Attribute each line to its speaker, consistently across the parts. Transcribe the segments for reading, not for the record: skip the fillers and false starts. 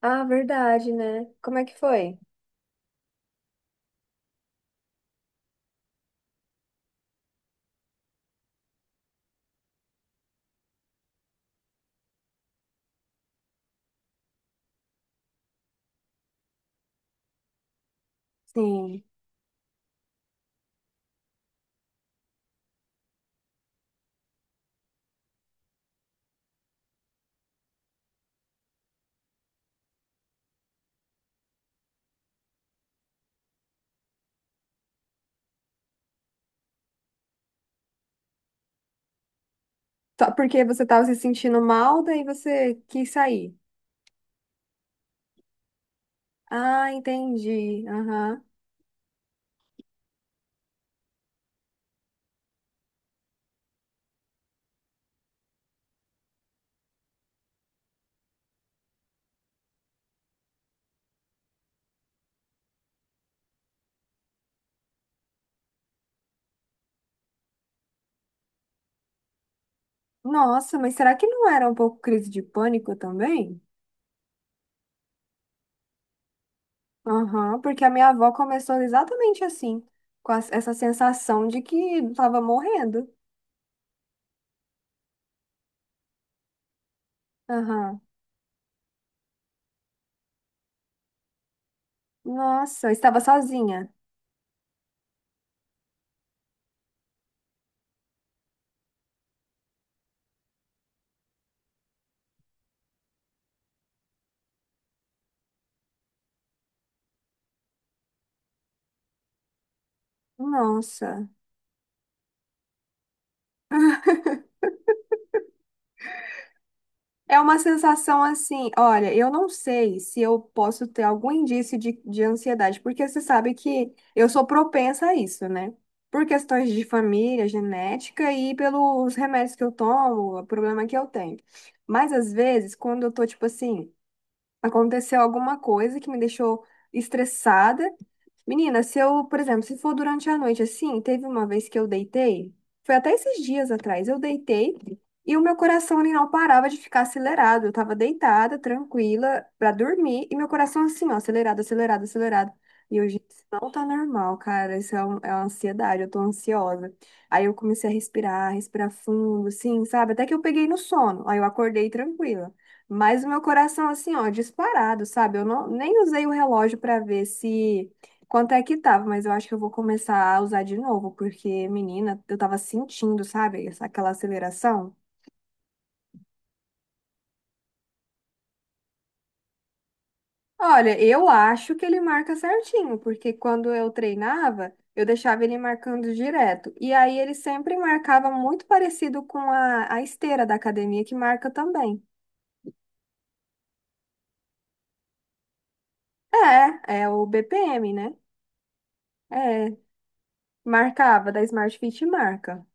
Speaker 1: Ah, verdade, né? Como é que foi? Sim. Só porque você tava se sentindo mal, daí você quis sair. Ah, entendi. Aham. Nossa, mas será que não era um pouco crise de pânico também? Aham, porque a minha avó começou exatamente assim, com essa sensação de que estava morrendo. Aham. Nossa, estava sozinha. Nossa. É uma sensação assim, olha, eu não sei se eu posso ter algum indício de ansiedade, porque você sabe que eu sou propensa a isso, né? Por questões de família, genética e pelos remédios que eu tomo, o problema que eu tenho. Mas às vezes, quando eu tô, tipo assim, aconteceu alguma coisa que me deixou estressada. Menina, se eu, por exemplo, se for durante a noite assim, teve uma vez que eu deitei, foi até esses dias atrás, eu deitei e o meu coração ele não parava de ficar acelerado. Eu tava deitada, tranquila, pra dormir, e meu coração assim, ó, acelerado, acelerado, acelerado. E eu, gente, isso não tá normal, cara. É uma ansiedade, eu tô ansiosa. Aí eu comecei a respirar, respirar fundo, assim, sabe? Até que eu peguei no sono. Aí eu acordei tranquila. Mas o meu coração, assim, ó, disparado, sabe? Eu não, nem usei o relógio pra ver se. Quanto é que tava, mas eu acho que eu vou começar a usar de novo, porque, menina, eu tava sentindo, sabe, aquela aceleração. Olha, eu acho que ele marca certinho, porque quando eu treinava, eu deixava ele marcando direto. E aí ele sempre marcava muito parecido com a esteira da academia, que marca também. É, é o BPM, né? É, marcava, da Smart Fit marca.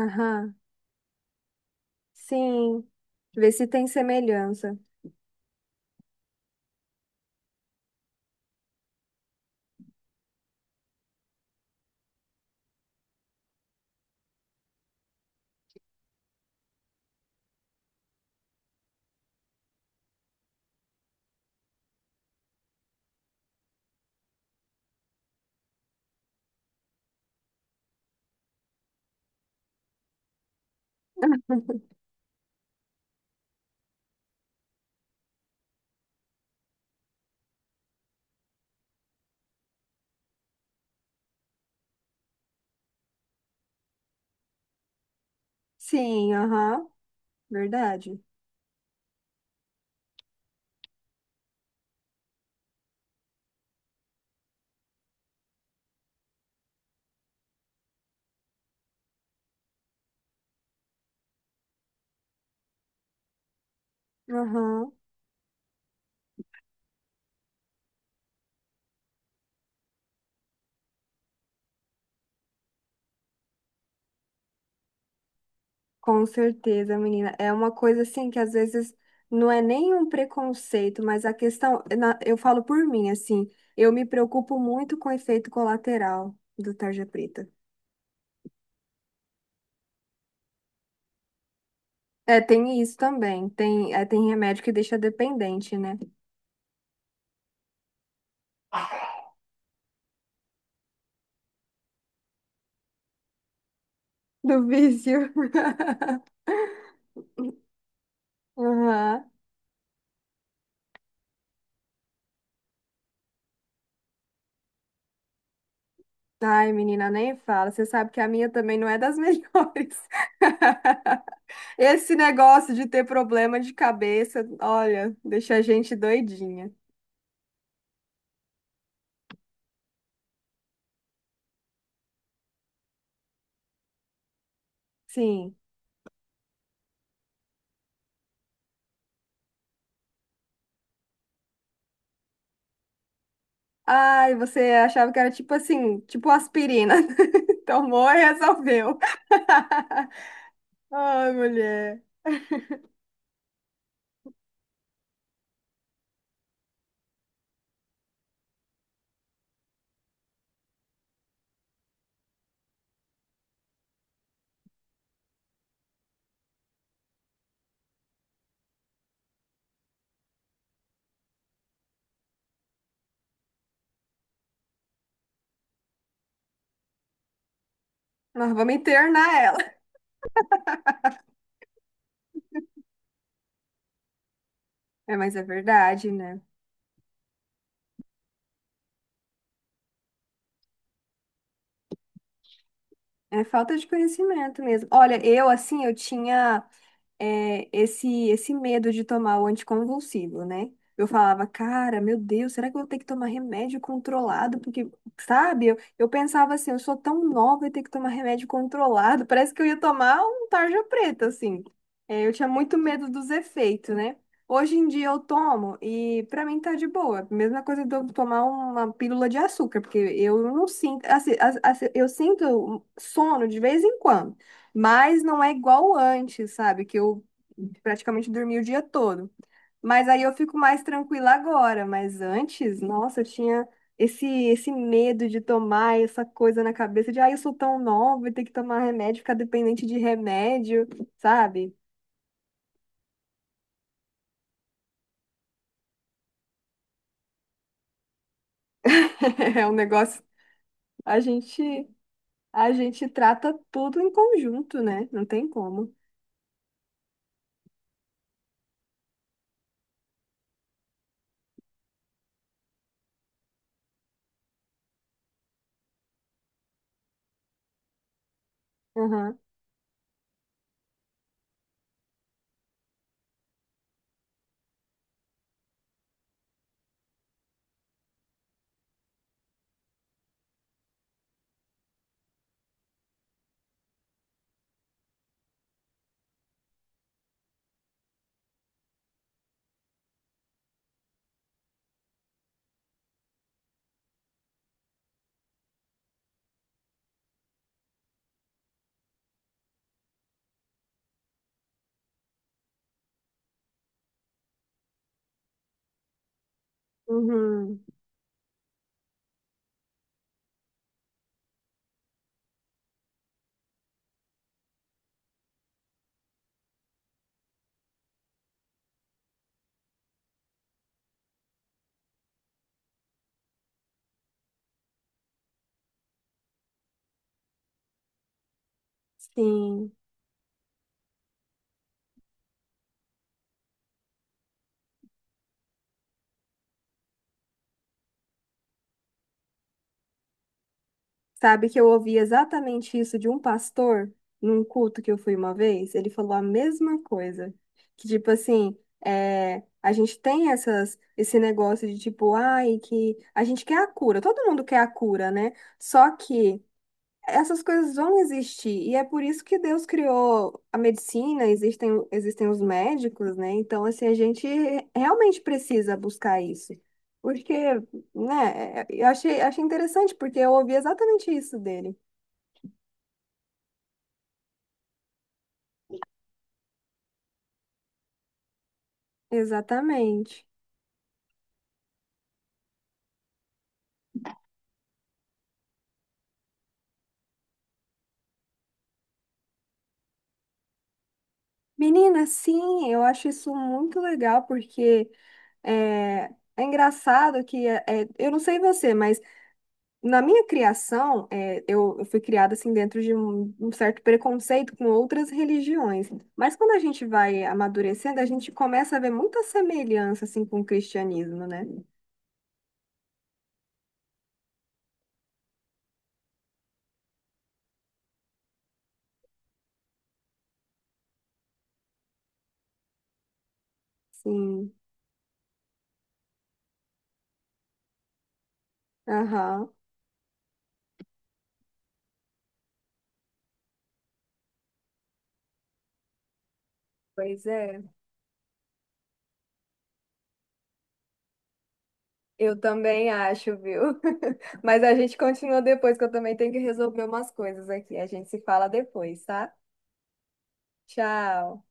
Speaker 1: Aham, sim. Ver se tem semelhança. Sim, aham, verdade. Aham, com certeza, menina. É uma coisa assim que às vezes não é nem um preconceito, mas eu falo por mim, assim, eu me preocupo muito com o efeito colateral do tarja preta. É, tem isso também. Tem, é, tem remédio que deixa dependente, né? Do vício. Aham. Ai, menina, nem fala. Você sabe que a minha também não é das melhores. Esse negócio de ter problema de cabeça, olha, deixa a gente doidinha. Sim. Ai, você achava que era tipo assim, tipo aspirina. Tomou e resolveu. Ai, mulher. Nós vamos internar ela. É, mas é verdade, né? É falta de conhecimento mesmo. Olha, eu assim, eu tinha. É, esse medo de tomar o anticonvulsivo, né? Eu falava, cara, meu Deus, será que eu vou ter que tomar remédio controlado? Porque, sabe, eu pensava assim, eu sou tão nova e ter que tomar remédio controlado. Parece que eu ia tomar um tarja preta, assim. É, eu tinha muito medo dos efeitos, né? Hoje em dia eu tomo e pra mim tá de boa. Mesma coisa de eu tomar uma pílula de açúcar, porque eu não sinto, assim, eu sinto sono de vez em quando. Mas não é igual antes, sabe? Que eu praticamente dormi o dia todo. Mas aí eu fico mais tranquila agora. Mas antes, nossa, eu tinha esse medo de tomar essa coisa na cabeça de, ah, eu sou tão nova, ter que tomar remédio, ficar dependente de remédio, sabe? É um negócio. A gente, a gente trata tudo em conjunto, né? Não tem como. Aham. Uhum. Sim. Sabe que eu ouvi exatamente isso de um pastor num culto que eu fui uma vez? Ele falou a mesma coisa. Que tipo assim, é, a gente tem essas, esse negócio de tipo, ai, que a gente quer a cura, todo mundo quer a cura, né? Só que essas coisas vão existir, e é por isso que Deus criou a medicina, existem, existem os médicos, né? Então, assim, a gente realmente precisa buscar isso. Porque, né, é, eu achei, achei interessante, porque eu ouvi exatamente isso dele. Exatamente. Menina, sim, eu acho isso muito legal, porque é, é engraçado que, é, é, eu não sei você, mas na minha criação, é, eu fui criada assim dentro de um certo preconceito com outras religiões. Mas quando a gente vai amadurecendo, a gente começa a ver muita semelhança assim com o cristianismo, né? Sim. Aham. Pois é, eu também acho, viu? Mas a gente continua depois, que eu também tenho que resolver umas coisas aqui. A gente se fala depois, tá? Tchau.